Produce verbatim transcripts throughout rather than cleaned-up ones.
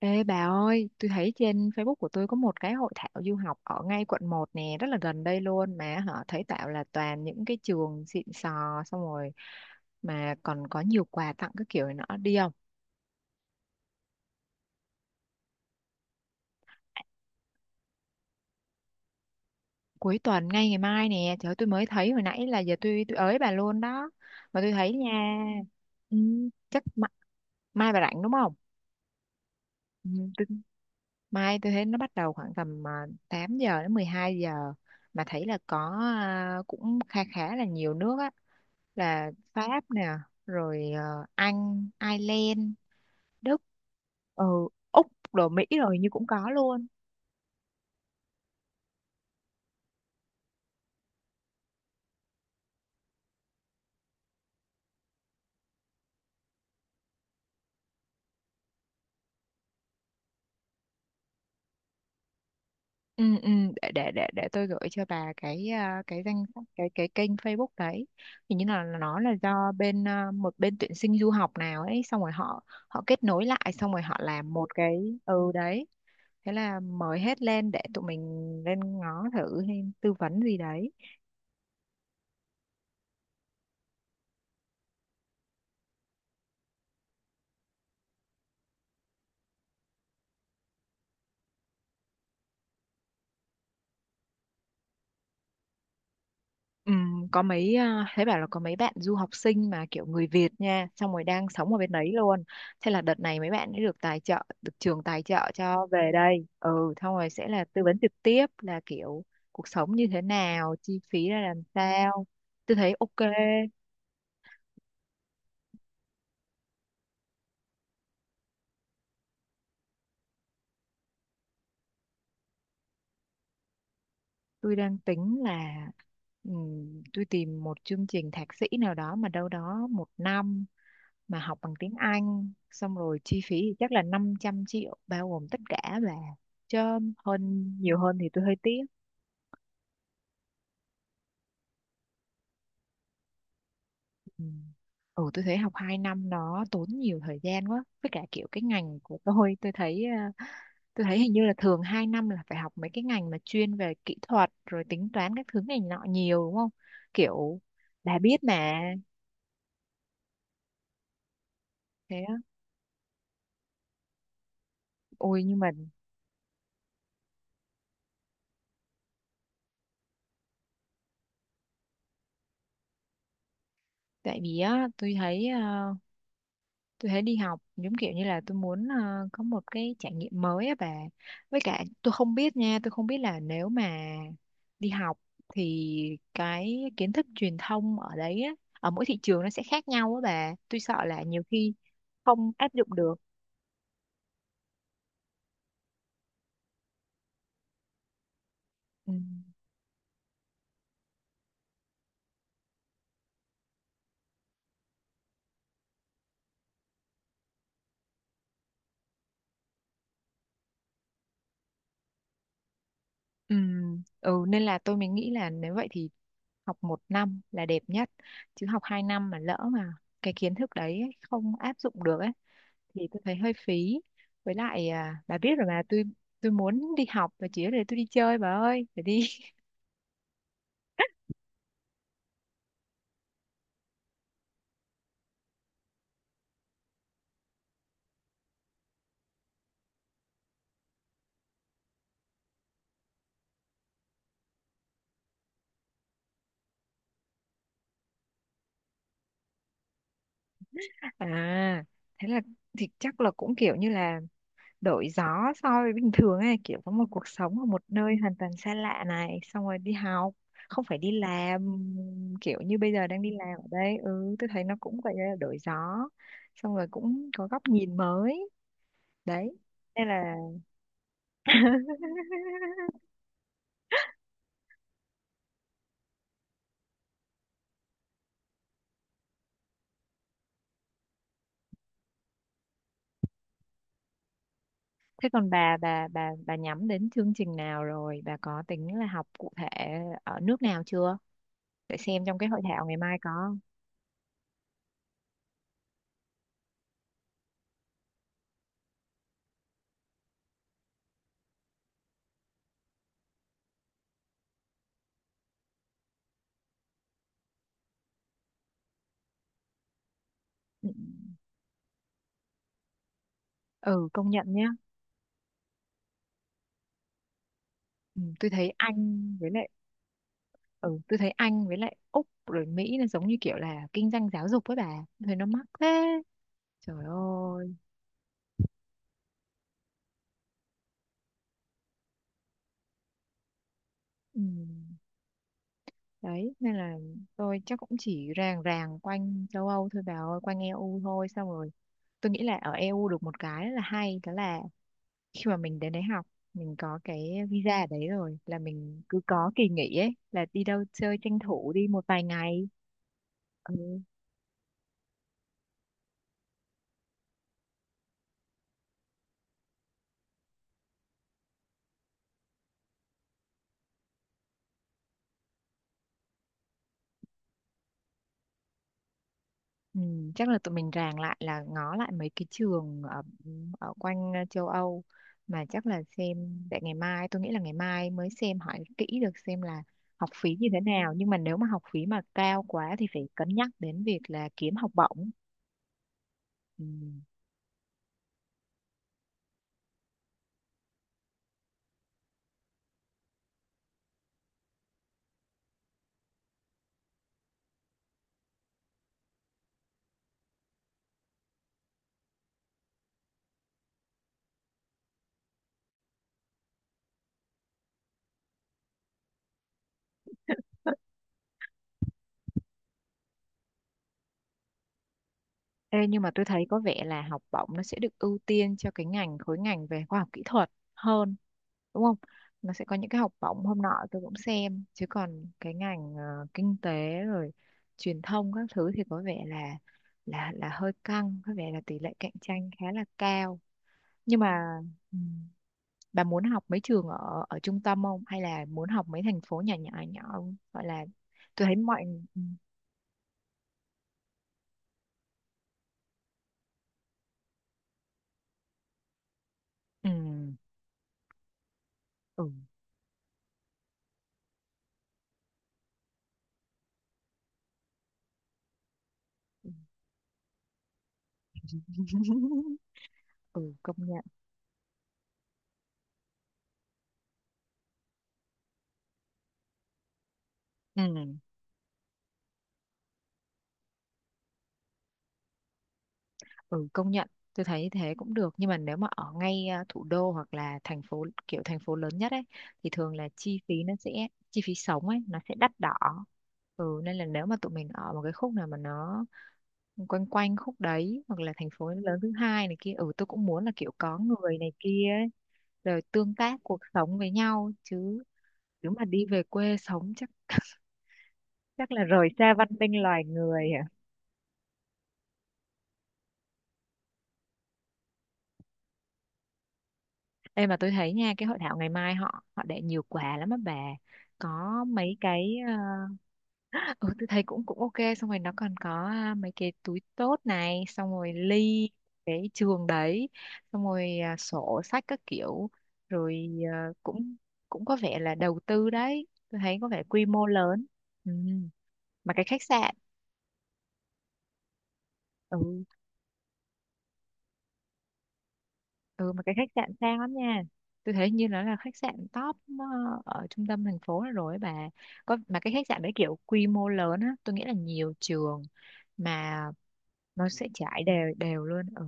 Ê bà ơi, tôi thấy trên Facebook của tôi có một cái hội thảo du học ở ngay quận một nè, rất là gần đây luôn mà họ thấy tạo là toàn những cái trường xịn sò xong rồi mà còn có nhiều quà tặng các kiểu này nọ đi không? Cuối tuần ngay ngày mai nè, trời ơi, tôi mới thấy hồi nãy là giờ tôi tôi ới bà luôn đó. Mà tôi thấy nha. Ừ, chắc mai, mai bà rảnh đúng không? Ừ, tôi Mai tôi thấy nó bắt đầu khoảng tầm à, tám giờ đến mười hai giờ, mà thấy là có à, cũng khá khá là nhiều nước á, là Pháp nè, rồi ờ, Anh, Ireland, Đức, ừ, Úc, rồi Mỹ rồi như cũng có luôn. Ừ, ừ, để để để để tôi gửi cho bà cái à, cái danh sách cái cái kênh Facebook đấy. Hình như là nó là do bên à, một bên tuyển sinh du học nào ấy, xong rồi họ họ kết nối lại, xong rồi họ làm một cái ừ đấy. Thế là mời hết lên để tụi mình lên ngó thử hay tư vấn gì đấy. Ừm, có mấy à, thấy bảo là có mấy bạn du học sinh mà kiểu người Việt nha, xong rồi đang sống ở bên đấy luôn. Thế là đợt này mấy bạn ấy được tài trợ, được trường tài trợ cho về đây. Ừ, xong rồi sẽ là tư vấn trực tiếp, là kiểu cuộc sống như thế nào, chi phí ra làm sao. Tôi thấy ok, tôi đang tính là ừm, tôi tìm một chương trình thạc sĩ nào đó mà đâu đó một năm, mà học bằng tiếng Anh, xong rồi chi phí thì chắc là năm trăm triệu bao gồm tất cả là, chứ hơn, nhiều hơn thì tôi hơi tiếc. Ừ. Ừ tôi thấy học hai năm nó tốn nhiều thời gian quá, với cả kiểu cái ngành của tôi tôi thấy à, tôi thấy hình như là thường hai năm là phải học mấy cái ngành mà chuyên về kỹ thuật rồi tính toán các thứ này nọ nhiều đúng không, kiểu bà biết mà. Thế á. Ôi nhưng mà tại vì á tôi thấy ờ, tôi thấy đi học giống kiểu như là tôi muốn ờ, có một cái trải nghiệm mới á bà, với cả tôi không biết nha, tôi không biết là nếu mà đi học thì cái kiến thức truyền thông ở đấy á, ở mỗi thị trường nó sẽ khác nhau á bà, tôi sợ là nhiều khi không áp dụng được. Ừ. Ừ. Ừ nên là tôi mới nghĩ là nếu vậy thì học một năm là đẹp nhất, chứ học hai năm mà lỡ mà cái kiến thức đấy ấy không áp dụng được ấy thì tôi thấy hơi phí. Với lại à, bà biết rồi mà, tôi tôi muốn đi học và chỉ để tôi đi chơi bà ơi, để đi. À thế là, thì chắc là cũng kiểu như là đổi gió so với bình thường ấy, kiểu có một cuộc sống ở một nơi hoàn toàn xa lạ này, xong rồi đi học không phải đi làm, kiểu như bây giờ đang đi làm ở đây, ừ tôi thấy nó cũng vậy là đổi gió, xong rồi cũng có góc nhìn mới đấy, nên là. Thế còn bà bà bà bà nhắm đến chương trình nào rồi? Bà có tính là học cụ thể ở nước nào chưa? Để xem trong cái hội thảo ngày mai có. Ừ, ừ, công nhận nhá. Ừ, tôi thấy Anh với lại Ừ, tôi thấy Anh với lại Úc rồi Mỹ là giống như kiểu là kinh doanh giáo dục với bà. Tôi thấy nó mắc thế. Trời ơi. Ừ. Đấy, nên là tôi chắc cũng chỉ ràng ràng quanh châu Âu thôi bà ơi, quanh e u thôi. Xong rồi tôi nghĩ là ở e u được một cái là hay, đó là khi mà mình đến đấy học, mình có cái visa ở đấy rồi là mình cứ có kỳ nghỉ ấy là đi đâu chơi tranh thủ đi một vài ngày. Ừ. Ừ, chắc là tụi mình ràng lại là ngó lại mấy cái trường ở ở quanh ờ, châu Âu, mà chắc là xem để ngày mai, tôi nghĩ là ngày mai mới xem hỏi kỹ được, xem là học phí như thế nào, nhưng mà nếu mà học phí mà cao quá thì phải cân nhắc đến việc là kiếm học bổng. Ừ. Ê, nhưng mà tôi thấy có vẻ là học bổng nó sẽ được ưu tiên cho cái ngành, khối ngành về khoa học kỹ thuật hơn đúng không? Nó sẽ có những cái học bổng hôm nọ tôi cũng xem, chứ còn cái ngành ờ, kinh tế rồi truyền thông các thứ thì có vẻ là là là hơi căng, có vẻ là tỷ lệ cạnh tranh khá là cao. Nhưng mà ừ, bà muốn học mấy trường ở ở trung tâm không hay là muốn học mấy thành phố nhỏ nhỏ nhỏ không? Gọi là tôi thấy mọi. Ừ. Ừ, ừ. Ừ công nhận. Ừ, ừ công nhận, tôi thấy thế cũng được, nhưng mà nếu mà ở ngay à, thủ đô hoặc là thành phố kiểu thành phố lớn nhất ấy thì thường là chi phí nó sẽ, chi phí sống ấy nó sẽ đắt đỏ. Ừ nên là nếu mà tụi mình ở một cái khúc nào mà nó quanh quanh khúc đấy, hoặc là thành phố lớn thứ hai này kia, ừ tôi cũng muốn là kiểu có người này kia ấy, rồi tương tác cuộc sống với nhau chứ. Nếu mà đi về quê sống chắc chắc là rời xa văn minh loài người. Ê mà tôi thấy nha, cái hội thảo ngày mai họ họ để nhiều quà lắm á bà, có mấy cái ờ, ừ tôi thấy cũng cũng ok, xong rồi nó còn có à, mấy cái túi tốt này, xong rồi ly cái trường đấy, xong rồi à, sổ sách các kiểu, rồi à, cũng cũng có vẻ là đầu tư đấy, tôi thấy có vẻ quy mô lớn. Ừ. Mà cái khách sạn, ừ, ừ, mà cái khách sạn sang lắm nha, tôi thấy như nó là khách sạn top ờ, ở trung tâm thành phố rồi ấy bà, có, mà cái khách sạn đấy kiểu quy mô lớn á, tôi nghĩ là nhiều trường mà nó sẽ trải đều đều luôn. Ừ.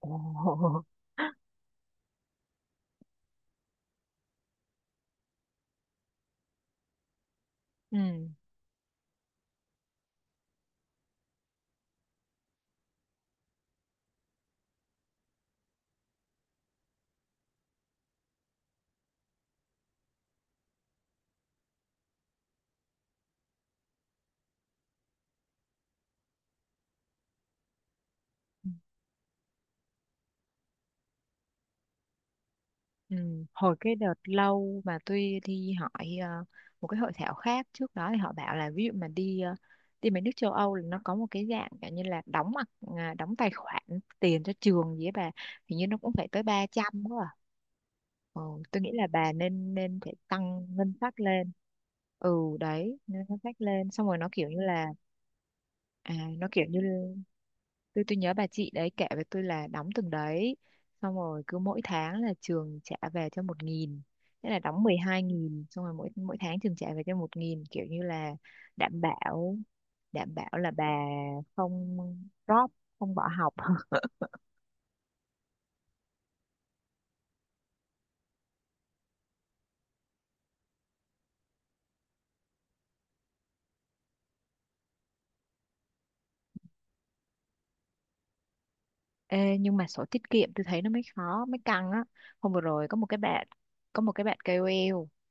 Ồ. Ừ. Ừ. Hồi cái đợt lâu mà tôi đi hỏi ờ, một cái hội thảo khác trước đó thì họ bảo là ví dụ mà đi ờ, đi mấy nước châu Âu là nó có một cái dạng kiểu như là đóng mặt à, đóng tài khoản tiền cho trường gì ấy bà, hình như nó cũng phải tới ba trăm quá à. Ừ, tôi nghĩ là bà nên nên phải tăng ngân sách lên. Ừ, đấy nên ngân sách lên, xong rồi nó kiểu như là à, nó kiểu như tôi tôi nhớ bà chị đấy kể với tôi là đóng từng đấy, xong rồi cứ mỗi tháng là trường trả về cho một nghìn, thế là đóng mười hai nghìn xong rồi mỗi mỗi tháng trường trả về cho một nghìn, kiểu như là đảm bảo, đảm bảo là bà không drop, không bỏ học. Ê, nhưng mà sổ tiết kiệm tôi thấy nó mới khó, mới căng á. Hôm vừa rồi có một cái bạn có một cái bạn ca ô lờ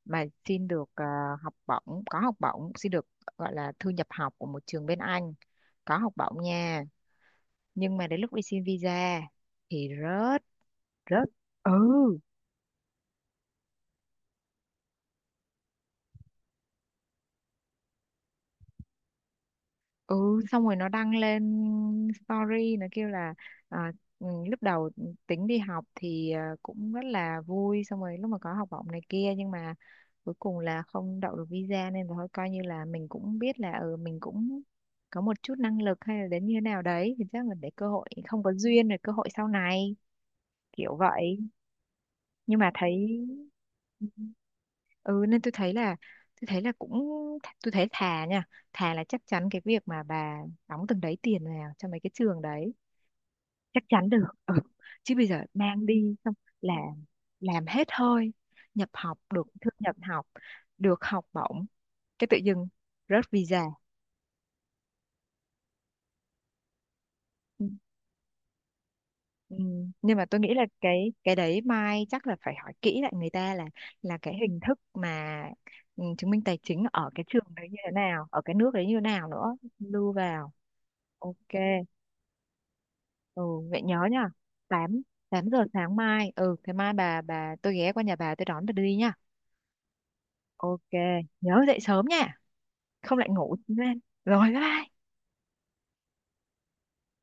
mà xin được ờ, học bổng, có học bổng, xin được, gọi là thư nhập học của một trường bên Anh, có học bổng nha, nhưng mà đến lúc đi xin visa thì rớt rớt. Ừ. Ừ, xong rồi nó đăng lên story nó kêu là à, ừ, lúc đầu tính đi học thì à, cũng rất là vui, xong rồi lúc mà có học bổng này kia, nhưng mà cuối cùng là không đậu được visa nên là thôi, coi như là mình cũng biết là, ừ mình cũng có một chút năng lực hay là đến như thế nào đấy, thì chắc là để cơ hội, không có duyên rồi, cơ hội sau này kiểu vậy, nhưng mà thấy. Ừ nên tôi thấy là tôi thấy là cũng tôi thấy, thà nha, thà là chắc chắn cái việc mà bà đóng từng đấy tiền vào cho mấy cái trường đấy chắc chắn được. Ừ. Chứ bây giờ mang đi xong làm làm hết hơi, nhập học được, thu nhập học được học bổng, cái tự dưng rớt visa. Ừ. Ừ. Nhưng mà tôi nghĩ là cái cái đấy mai chắc là phải hỏi kỹ lại người ta, là là cái hình thức mà, ừ, chứng minh tài chính ở cái trường đấy như thế nào, ở cái nước đấy như thế nào nữa, lưu vào. Ok. Ừ, vậy nhớ nhá, tám tám giờ sáng mai. Ừ, thế mai bà bà tôi ghé qua nhà bà tôi đón bà đi nha. Ok, nhớ dậy sớm nha, không lại ngủ lên. Rồi bye. Bye.